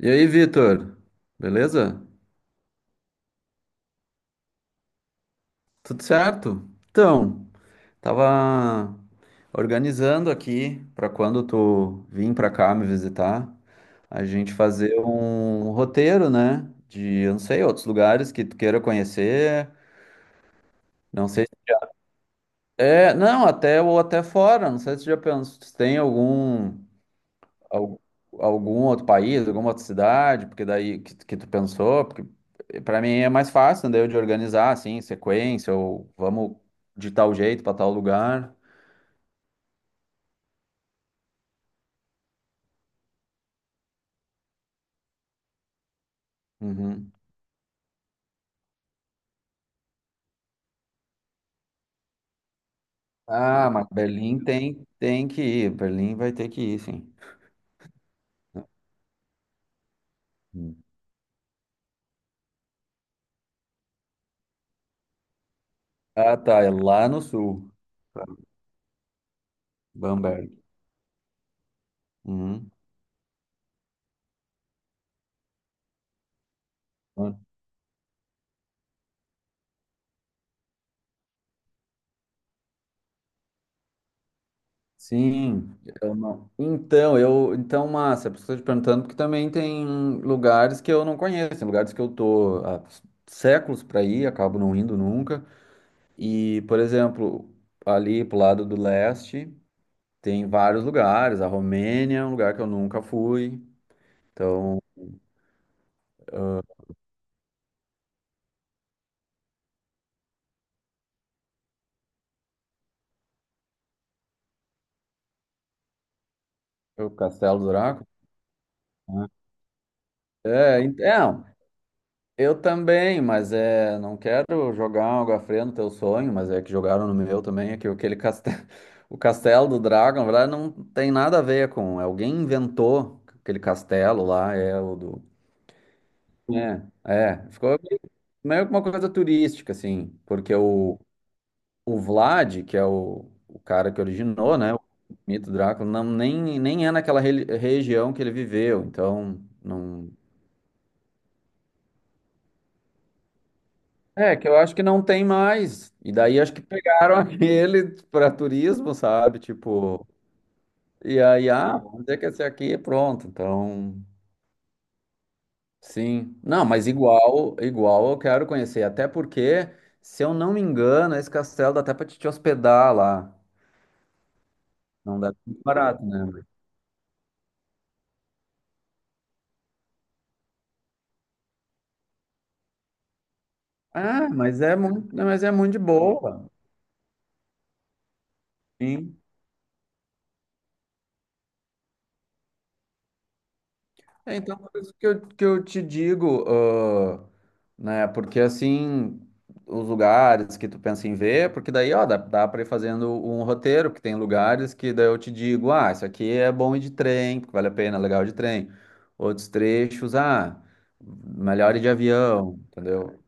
E aí, Vitor? Beleza? Tudo certo? Então, tava organizando aqui para quando tu vir para cá me visitar, a gente fazer um roteiro, né? Eu não sei, outros lugares que tu queira conhecer. Não sei. É, não, até ou até fora. Não sei se tu já pensou, se tem Al- algum outro país, alguma outra cidade, porque daí que tu pensou, porque para mim é mais fácil, daí eu de organizar assim, sequência, ou vamos de tal jeito para tal lugar. Uhum. Ah, mas Berlim tem que ir, Berlim vai ter que ir, sim. Hum. Ah, tá, é lá no sul, Bamberg. Uhum. Sim, eu não. Então, massa, por isso que eu estou te perguntando, porque também tem lugares que eu não conheço, tem lugares que eu tô há séculos para ir, acabo não indo nunca. E, por exemplo, ali pro lado do leste, tem vários lugares, a Romênia é um lugar que eu nunca fui. Então, o Castelo do Draco. É, então, eu também, mas é, não quero jogar algo a no teu sonho, mas é que jogaram no meu também, é que aquele castelo, o castelo do Dragon, na verdade, não tem nada a ver com, é, alguém inventou aquele castelo lá, é o do... É, é, ficou meio que uma coisa turística, assim, porque o Vlad, que é o cara que originou, né, o mito Drácula, não, nem é naquela região que ele viveu, então... Não, é, que eu acho que não tem mais. E daí acho que pegaram aquele para turismo, sabe? Tipo, e aí, ah, vamos dizer que esse aqui é pronto. Então, sim. Não, mas igual eu quero conhecer. Até porque, se eu não me engano, esse castelo dá até para te hospedar lá. Não dá muito barato, né? Ah, mas é muito de boa. Sim. É, então, por isso que eu te digo, ah, né? Porque assim, os lugares que tu pensa em ver, porque daí, ó, dá pra ir fazendo um roteiro, que tem lugares que daí eu te digo, ah, isso aqui é bom ir de trem, porque vale a pena, é legal de trem. Outros trechos, ah, melhor ir de avião, entendeu?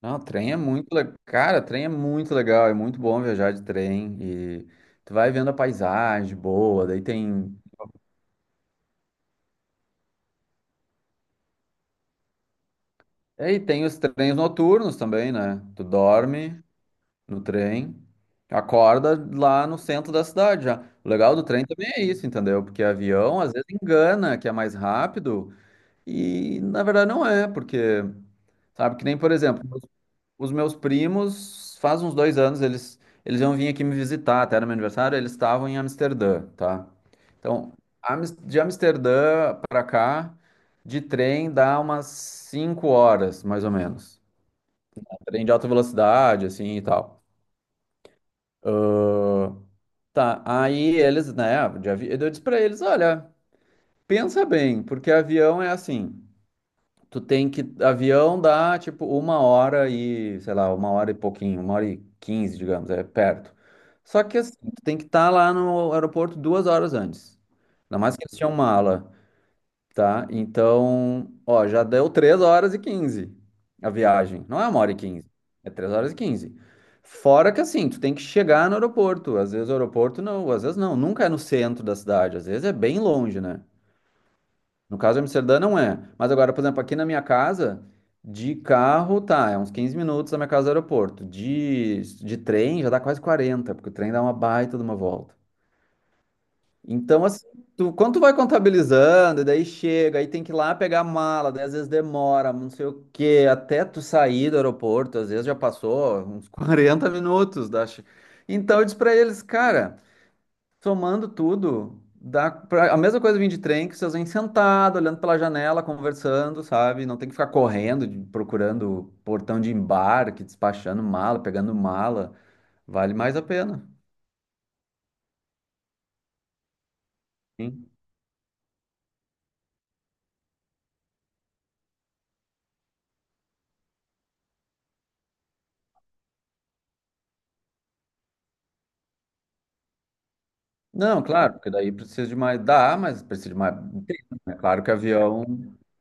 Não, trem é muito legal. Cara, trem é muito legal, é muito bom viajar de trem e tu vai vendo a paisagem boa, daí tem. É, e aí tem os trens noturnos também, né? Tu dorme no trem, acorda lá no centro da cidade já. O legal do trem também é isso, entendeu? Porque avião às vezes engana que é mais rápido e na verdade não é, porque sabe que nem, por exemplo, os meus primos, faz uns 2 anos eles iam vir aqui me visitar, até era meu aniversário, eles estavam em Amsterdã, tá? Então, de Amsterdã pra cá de trem dá umas 5 horas, mais ou menos. Trem de alta velocidade, assim e tal. Ah, tá, aí eles, né, eu disse pra eles, olha, pensa bem, porque avião é assim, avião dá, tipo, uma hora e, sei lá, uma hora e pouquinho, 1h15, digamos, é perto. Só que, assim, tu tem que estar lá no aeroporto 2 horas antes. Ainda mais que eles tinham mala. Tá? Então, ó, já deu 3h15 a viagem. Não é 1h15, é 3h15. Fora que assim, tu tem que chegar no aeroporto. Às vezes o aeroporto não, às vezes não, nunca é no centro da cidade, às vezes é bem longe, né? No caso de Amsterdã não é. Mas agora, por exemplo, aqui na minha casa, de carro, tá, é uns 15 minutos da minha casa ao aeroporto. De trem já dá quase 40 porque o trem dá uma baita de uma volta. Então, assim, tu, quando tu vai contabilizando, e daí chega, aí tem que ir lá pegar a mala, daí às vezes demora, não sei o quê, até tu sair do aeroporto, às vezes já passou uns 40 minutos, Então eu disse pra eles, cara, somando tudo, dá pra... a mesma coisa vir de trem, que vocês vêm sentado, olhando pela janela, conversando, sabe? Não tem que ficar correndo, procurando portão de embarque, despachando mala, pegando mala, vale mais a pena. Não, claro, porque daí precisa de mais. Dá, mas precisa de mais. É claro que avião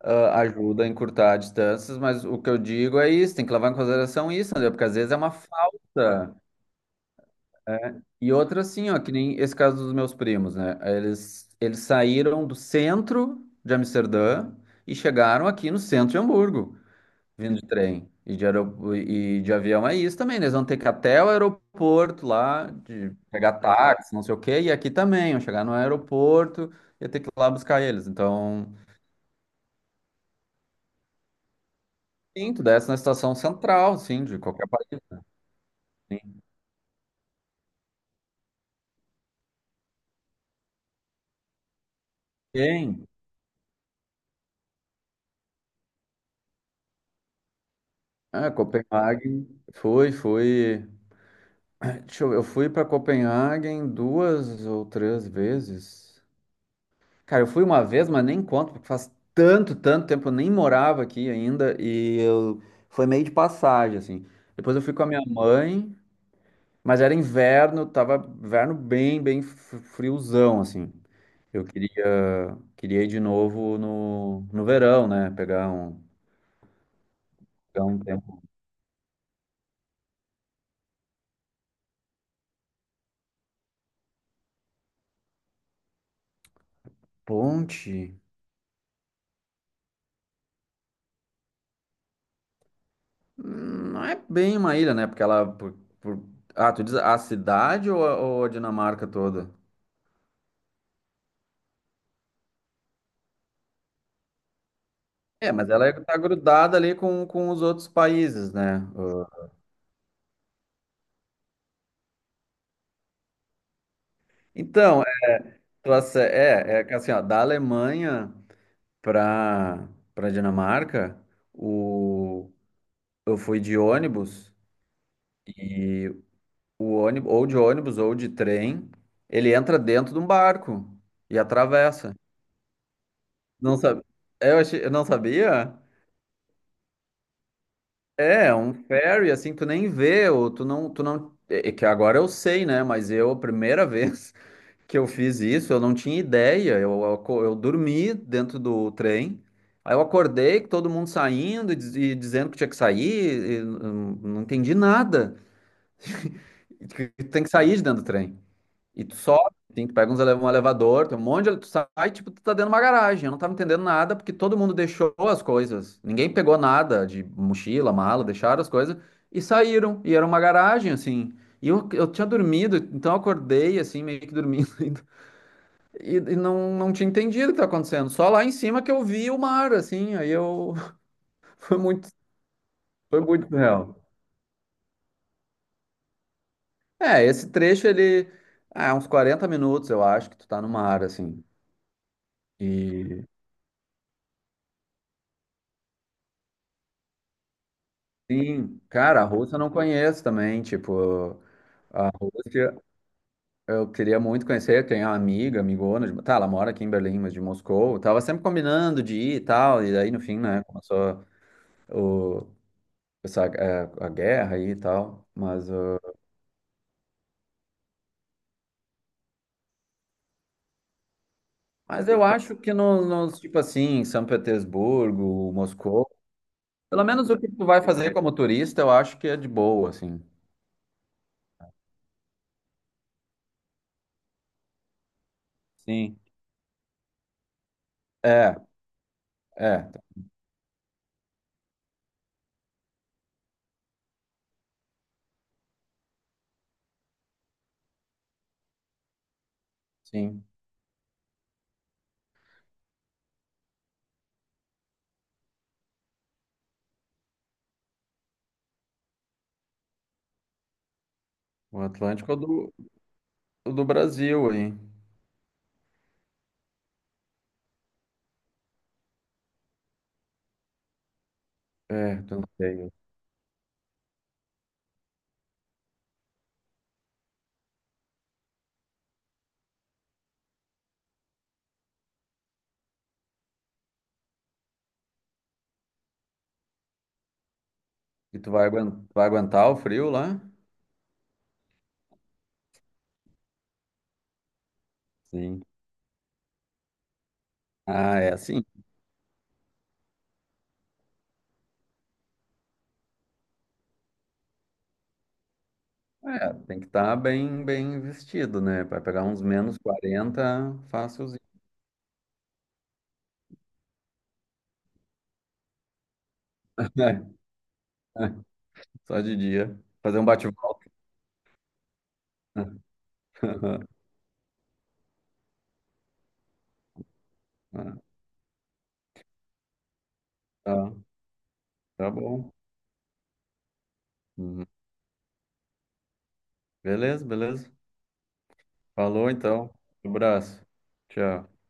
ajuda a encurtar distâncias, mas o que eu digo é isso, tem que levar em consideração isso, entendeu? Porque às vezes é uma falta. É. E outra, assim, ó, que nem esse caso dos meus primos, né? Eles saíram do centro de Amsterdã e chegaram aqui no centro de Hamburgo. Vindo de trem e de avião é isso também, né? Eles vão ter que ir até o aeroporto lá, de pegar táxi, não sei o quê, e aqui também, vão chegar no aeroporto e ter que ir lá buscar eles. Então, sim, tu desce na estação central, sim, de qualquer país. Sim. Tem. Ah, Copenhague, fui, fui. Deixa eu ver, eu fui para Copenhague duas ou três vezes. Cara, eu fui uma vez, mas nem conto, porque faz tanto, tanto tempo, eu nem morava aqui ainda, e eu foi meio de passagem, assim. Depois eu fui com a minha mãe, mas era inverno, tava inverno bem, bem friozão, assim. Eu queria ir de novo no verão, né? Pegar um tempo. Ponte? Não é bem uma ilha, né? Porque ela. Por... Ah, tu diz a cidade ou a Dinamarca toda? É, mas ela está grudada ali com os outros países, né? Então, é, que assim, ó, da Alemanha para para Dinamarca, o, eu fui de ônibus e o ônibus ou de trem, ele entra dentro de um barco e atravessa. Não sabe? Eu achei, eu não sabia? É um ferry assim, que tu nem vê, ou tu não, é que agora eu sei, né? A primeira vez que eu fiz isso, eu não tinha ideia. Eu dormi dentro do trem. Aí eu acordei com todo mundo saindo e, e dizendo que tinha que sair, e não entendi nada. E que tem que sair de dentro do trem. E tu sobe, tem que pega um elevador, tem um monte de. Tu sai, tipo, tu tá dentro de uma garagem. Eu não tava entendendo nada porque todo mundo deixou as coisas. Ninguém pegou nada de mochila, mala, deixaram as coisas e saíram. E era uma garagem, assim. E eu tinha dormido, então eu acordei, assim, meio que dormindo. E não, tinha entendido o que tá acontecendo. Só lá em cima que eu vi o mar, assim. Aí eu. Foi muito, foi muito real. É, esse trecho ele. Ah, é uns 40 minutos, eu acho, que tu tá no mar, assim. E. Sim, cara, a Rússia eu não conheço também. Tipo, a Rússia eu queria muito conhecer. Tem uma amiga, amigona. De... Tá, ela mora aqui em Berlim, mas de Moscou. Eu tava sempre combinando de ir e tal. E daí, no fim, né, começou o... essa, é, a guerra aí e tal. Mas eu acho que nos, tipo assim, São Petersburgo, Moscou, pelo menos o que tu vai fazer como turista, eu acho que é de boa, assim. Sim. É, é, sim. O Atlântico é o do Brasil aí. É, tu não sei. E tu vai aguentar o frio lá? Sim. Ah, é assim. É, tem que estar bem, bem vestido, né? Vai pegar uns -40, fácilzinho. É, é, só de dia. Fazer um bate-volta. Tá, tá bom. Uhum. Beleza, beleza. Falou então. Abraço. Tchau.